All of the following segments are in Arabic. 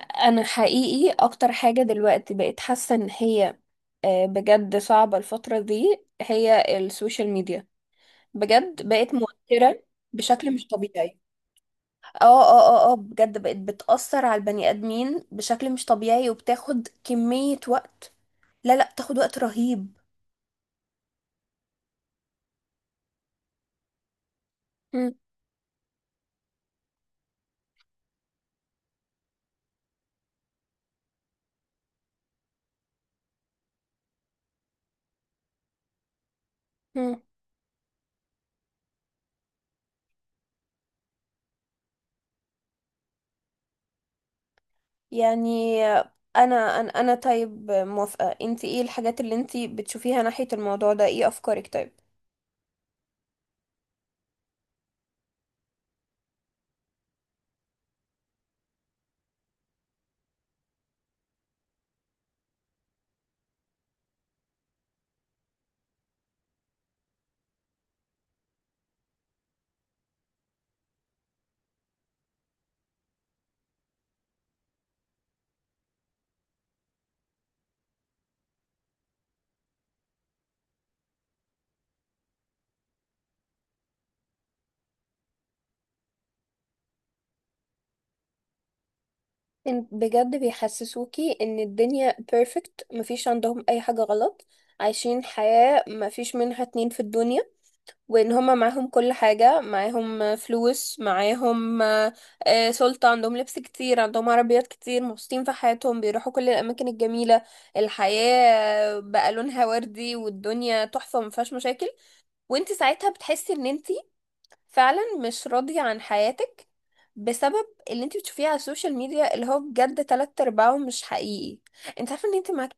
انا حقيقي اكتر حاجة دلوقتي بقيت حاسة ان هي بجد صعبة. الفترة دي هي السوشيال ميديا، بجد بقت موترة بشكل مش طبيعي. اه بجد بقت بتأثر على البني ادمين بشكل مش طبيعي، وبتاخد كمية وقت. لا لا، بتاخد وقت رهيب. مم. مم. يعني انا طيب، موافقة. انتي ايه الحاجات اللي انتي بتشوفيها ناحية الموضوع ده؟ ايه افكارك طيب؟ بجد بيحسسوكي ان الدنيا بيرفكت، مفيش عندهم اي حاجة غلط، عايشين حياة مفيش منها اتنين في الدنيا، وان هما معاهم كل حاجة، معاهم فلوس، معاهم سلطة، عندهم لبس كتير، عندهم عربيات كتير، مبسوطين في حياتهم، بيروحوا كل الاماكن الجميلة. الحياة بقى لونها وردي والدنيا تحفة مفيهاش مشاكل. وانت ساعتها بتحسي ان انت فعلا مش راضية عن حياتك، بسبب اللي انت بتشوفيه على السوشيال ميديا، اللي هو بجد تلات ارباعه مش حقيقي. انت عارفه ان انت معاك.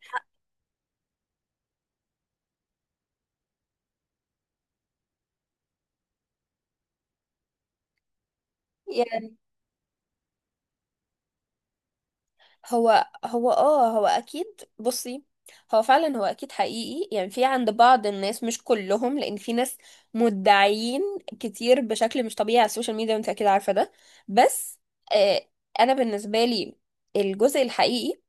يعني هو هو هو اكيد. بصي، هو فعلا هو اكيد حقيقي، يعني في عند بعض الناس، مش كلهم، لان في ناس مدعيين كتير بشكل مش طبيعي على السوشيال ميديا، وانت اكيد عارفه ده. بس آه، انا بالنسبه لي الجزء الحقيقي،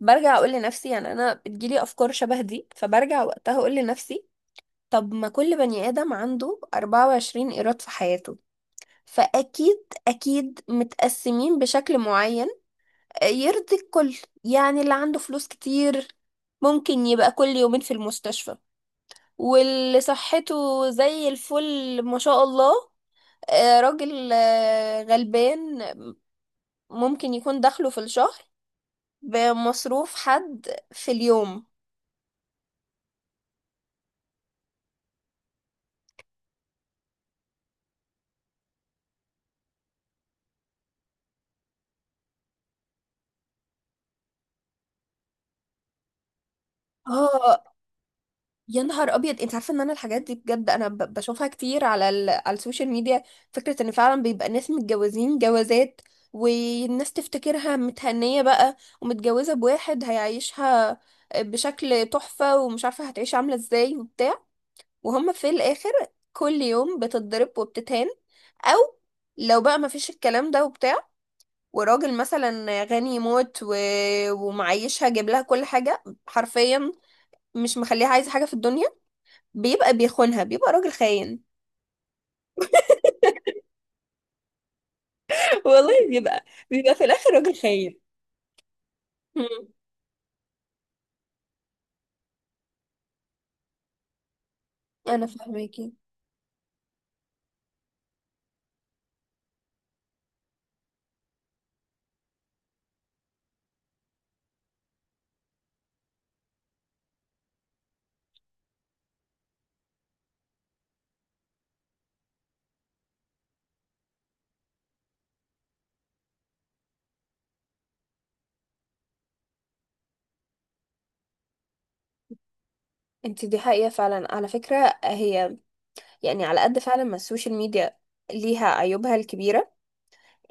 برجع اقول لنفسي، يعني انا بتجيلي افكار شبه دي، فبرجع وقتها اقول لنفسي طب ما كل بني آدم عنده 24 إيراد في حياته، فأكيد أكيد متقسمين بشكل معين يرضي الكل. يعني اللي عنده فلوس كتير ممكن يبقى كل يومين في المستشفى، واللي صحته زي الفل ما شاء الله، راجل غلبان، ممكن يكون دخله في الشهر بمصروف حد في اليوم. اه، يا نهار ابيض! انت عارفه ان انا الحاجات دي بجد انا بشوفها كتير على على السوشيال ميديا. فكره ان فعلا بيبقى ناس متجوزين جوازات، والناس تفتكرها متهنيه بقى، ومتجوزه بواحد هيعيشها بشكل تحفه، ومش عارفه هتعيش عامله ازاي وبتاع، وهم في الاخر كل يوم بتتضرب وبتتهان. او لو بقى مفيش الكلام ده وبتاع، وراجل مثلا غني موت ومعيشها جايب لها كل حاجه حرفيا، مش مخليها عايزه حاجه في الدنيا، بيبقى بيخونها، بيبقى راجل خاين. والله بيبقى، بيبقى في الاخر راجل خاين. مم. انا فاهماكي. انت دي حقيقة فعلا على فكرة. هي يعني على قد فعلا ما السوشيال ميديا ليها عيوبها الكبيرة،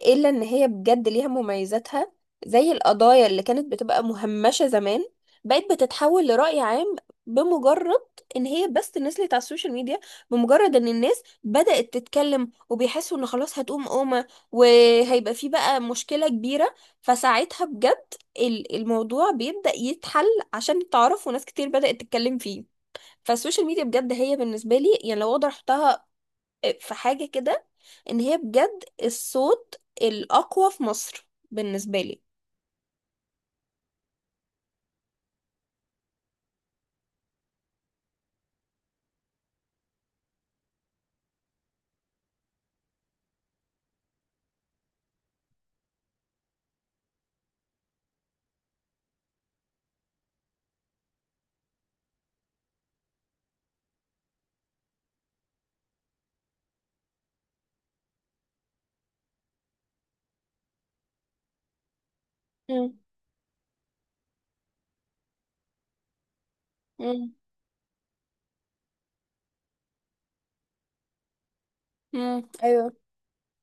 الا ان هي بجد ليها مميزاتها، زي القضايا اللي كانت بتبقى مهمشة زمان بقت بتتحول لرأي عام بمجرد ان هي بس نزلت على السوشيال ميديا، بمجرد ان الناس بدأت تتكلم وبيحسوا ان خلاص هتقوم قومة وهيبقى في بقى مشكلة كبيرة، فساعتها بجد الموضوع بيبدأ يتحل عشان تعرف، وناس كتير بدأت تتكلم فيه. فالسوشيال ميديا بجد هي بالنسبة لي، يعني لو اقدر احطها في حاجة كده، ان هي بجد الصوت الأقوى في مصر بالنسبة لي. مم. مم. مم. ايوه.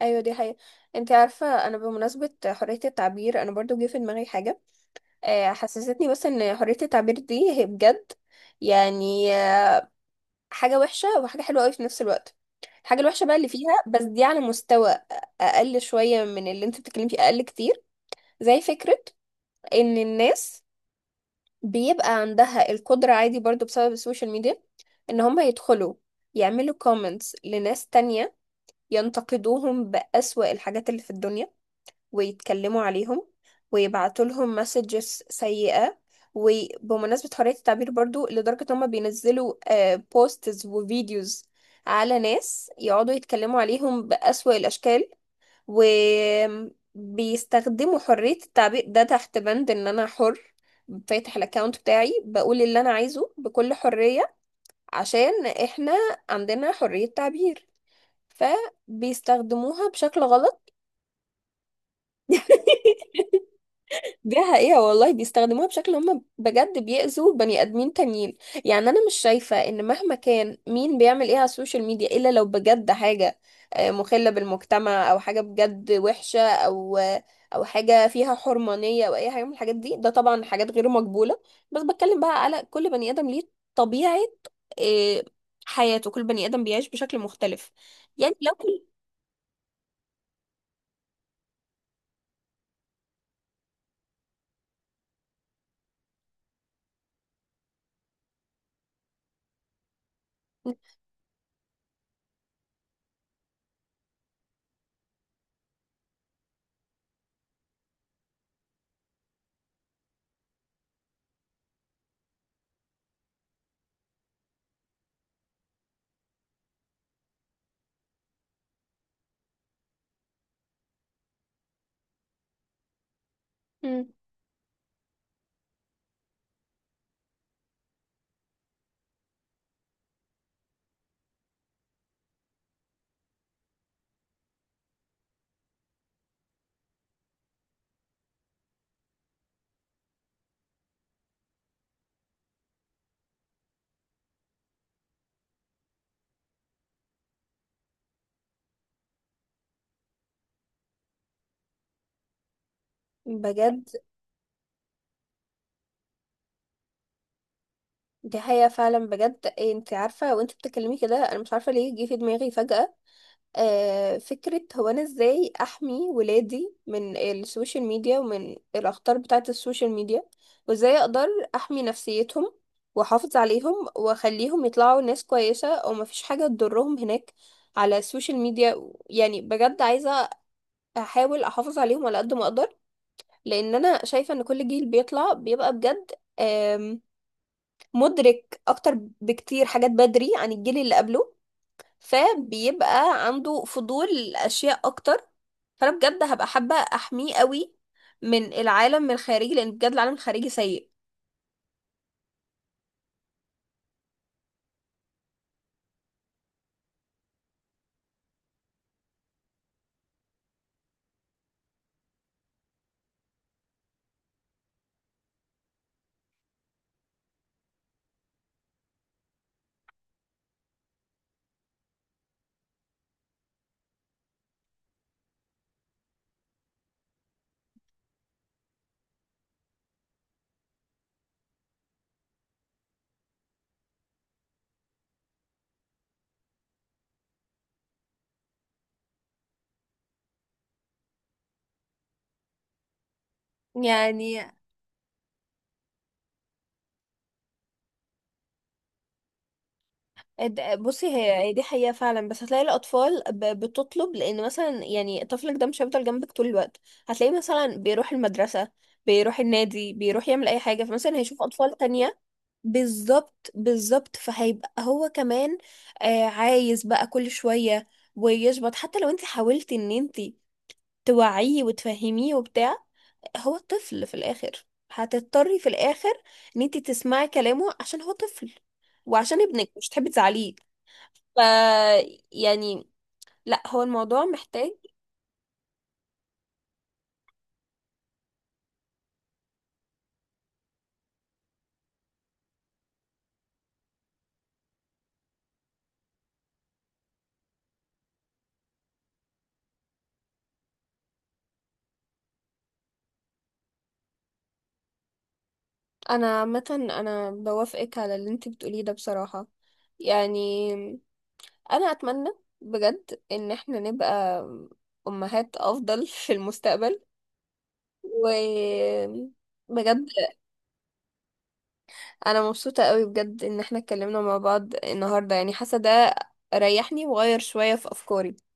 ايوه، دي حقيقة. انت عارفة انا بمناسبة حرية التعبير انا برضو جه في دماغي حاجة حسستني بس ان حرية التعبير دي هي بجد، يعني حاجة وحشة وحاجة حلوة قوي في نفس الوقت. الحاجة الوحشة بقى اللي فيها بس دي على مستوى أقل شوية من اللي انت بتتكلمي فيه، أقل كتير. زي فكرة إن الناس بيبقى عندها القدرة عادي برضو بسبب السوشيال ميديا، ان هم يدخلوا يعملوا كومنتس لناس تانية، ينتقدوهم بأسوأ الحاجات اللي في الدنيا، ويتكلموا عليهم، ويبعتوا لهم مسجز سيئة. وبمناسبة حرية التعبير برضو، لدرجة ان هم بينزلوا بوستز وفيديوز على ناس، يقعدوا يتكلموا عليهم بأسوأ الأشكال، وبيستخدموا حرية التعبير ده تحت بند ان انا حر، فاتح الاكونت بتاعي بقول اللي انا عايزه بكل حرية عشان احنا عندنا حرية تعبير، فبيستخدموها بشكل غلط. دي حقيقة والله، بيستخدموها بشكل هم بجد بيأذوا بني آدمين تانيين. يعني أنا مش شايفة إن مهما كان مين بيعمل إيه على السوشيال ميديا، إلا لو بجد حاجة مخلة بالمجتمع، أو حاجة بجد وحشة، أو أو حاجة فيها حرمانية، أو أي حاجة من الحاجات دي، ده طبعا حاجات غير مقبولة. بس بتكلم بقى على كل بني آدم ليه طبيعة آه، حياته، كل بني آدم بيعيش بشكل مختلف. يعني لو كل... مم. بجد دي حقيقة فعلا. بجد إيه، انت عارفة وانت بتتكلمي كده انا مش عارفة ليه جه في دماغي فجأة فكرة، هو انا ازاي احمي ولادي من السوشيال ميديا ومن الاخطار بتاعة السوشيال ميديا؟ وازاي اقدر احمي نفسيتهم واحافظ عليهم واخليهم يطلعوا ناس كويسة، او مفيش حاجة تضرهم هناك على السوشيال ميديا؟ يعني بجد عايزة احاول احافظ عليهم على قد ما اقدر، لان انا شايفة ان كل جيل بيطلع بيبقى بجد مدرك اكتر بكتير حاجات بدري عن الجيل اللي قبله، فبيبقى عنده فضول لاشياء اكتر، فانا بجد هبقى حابة احميه قوي من العالم الخارجي، لان بجد العالم الخارجي سيء. يعني بصي، هي هي دي حقيقة فعلا، بس هتلاقي الأطفال بتطلب. لأن مثلا يعني طفلك ده مش هيفضل جنبك طول الوقت، هتلاقيه مثلا بيروح المدرسة، بيروح النادي، بيروح يعمل أي حاجة، فمثلا هيشوف أطفال تانية. بالظبط بالظبط، فهيبقى هو كمان عايز بقى كل شوية ويشبط. حتى لو انت حاولتي ان انت توعيه وتفهميه وبتاع، هو طفل في الاخر، هتضطري في الاخر ان انت تسمعي كلامه عشان هو طفل، وعشان ابنك مش تحبي تزعليه. ف، يعني، لا، هو الموضوع محتاج. انا عامة انا بوافقك على اللي انت بتقوليه ده بصراحة. يعني انا اتمنى بجد ان احنا نبقى امهات افضل في المستقبل و بجد، انا مبسوطة قوي بجد ان احنا اتكلمنا مع بعض النهاردة، يعني حاسة ده ريحني وغير شوية في افكاري.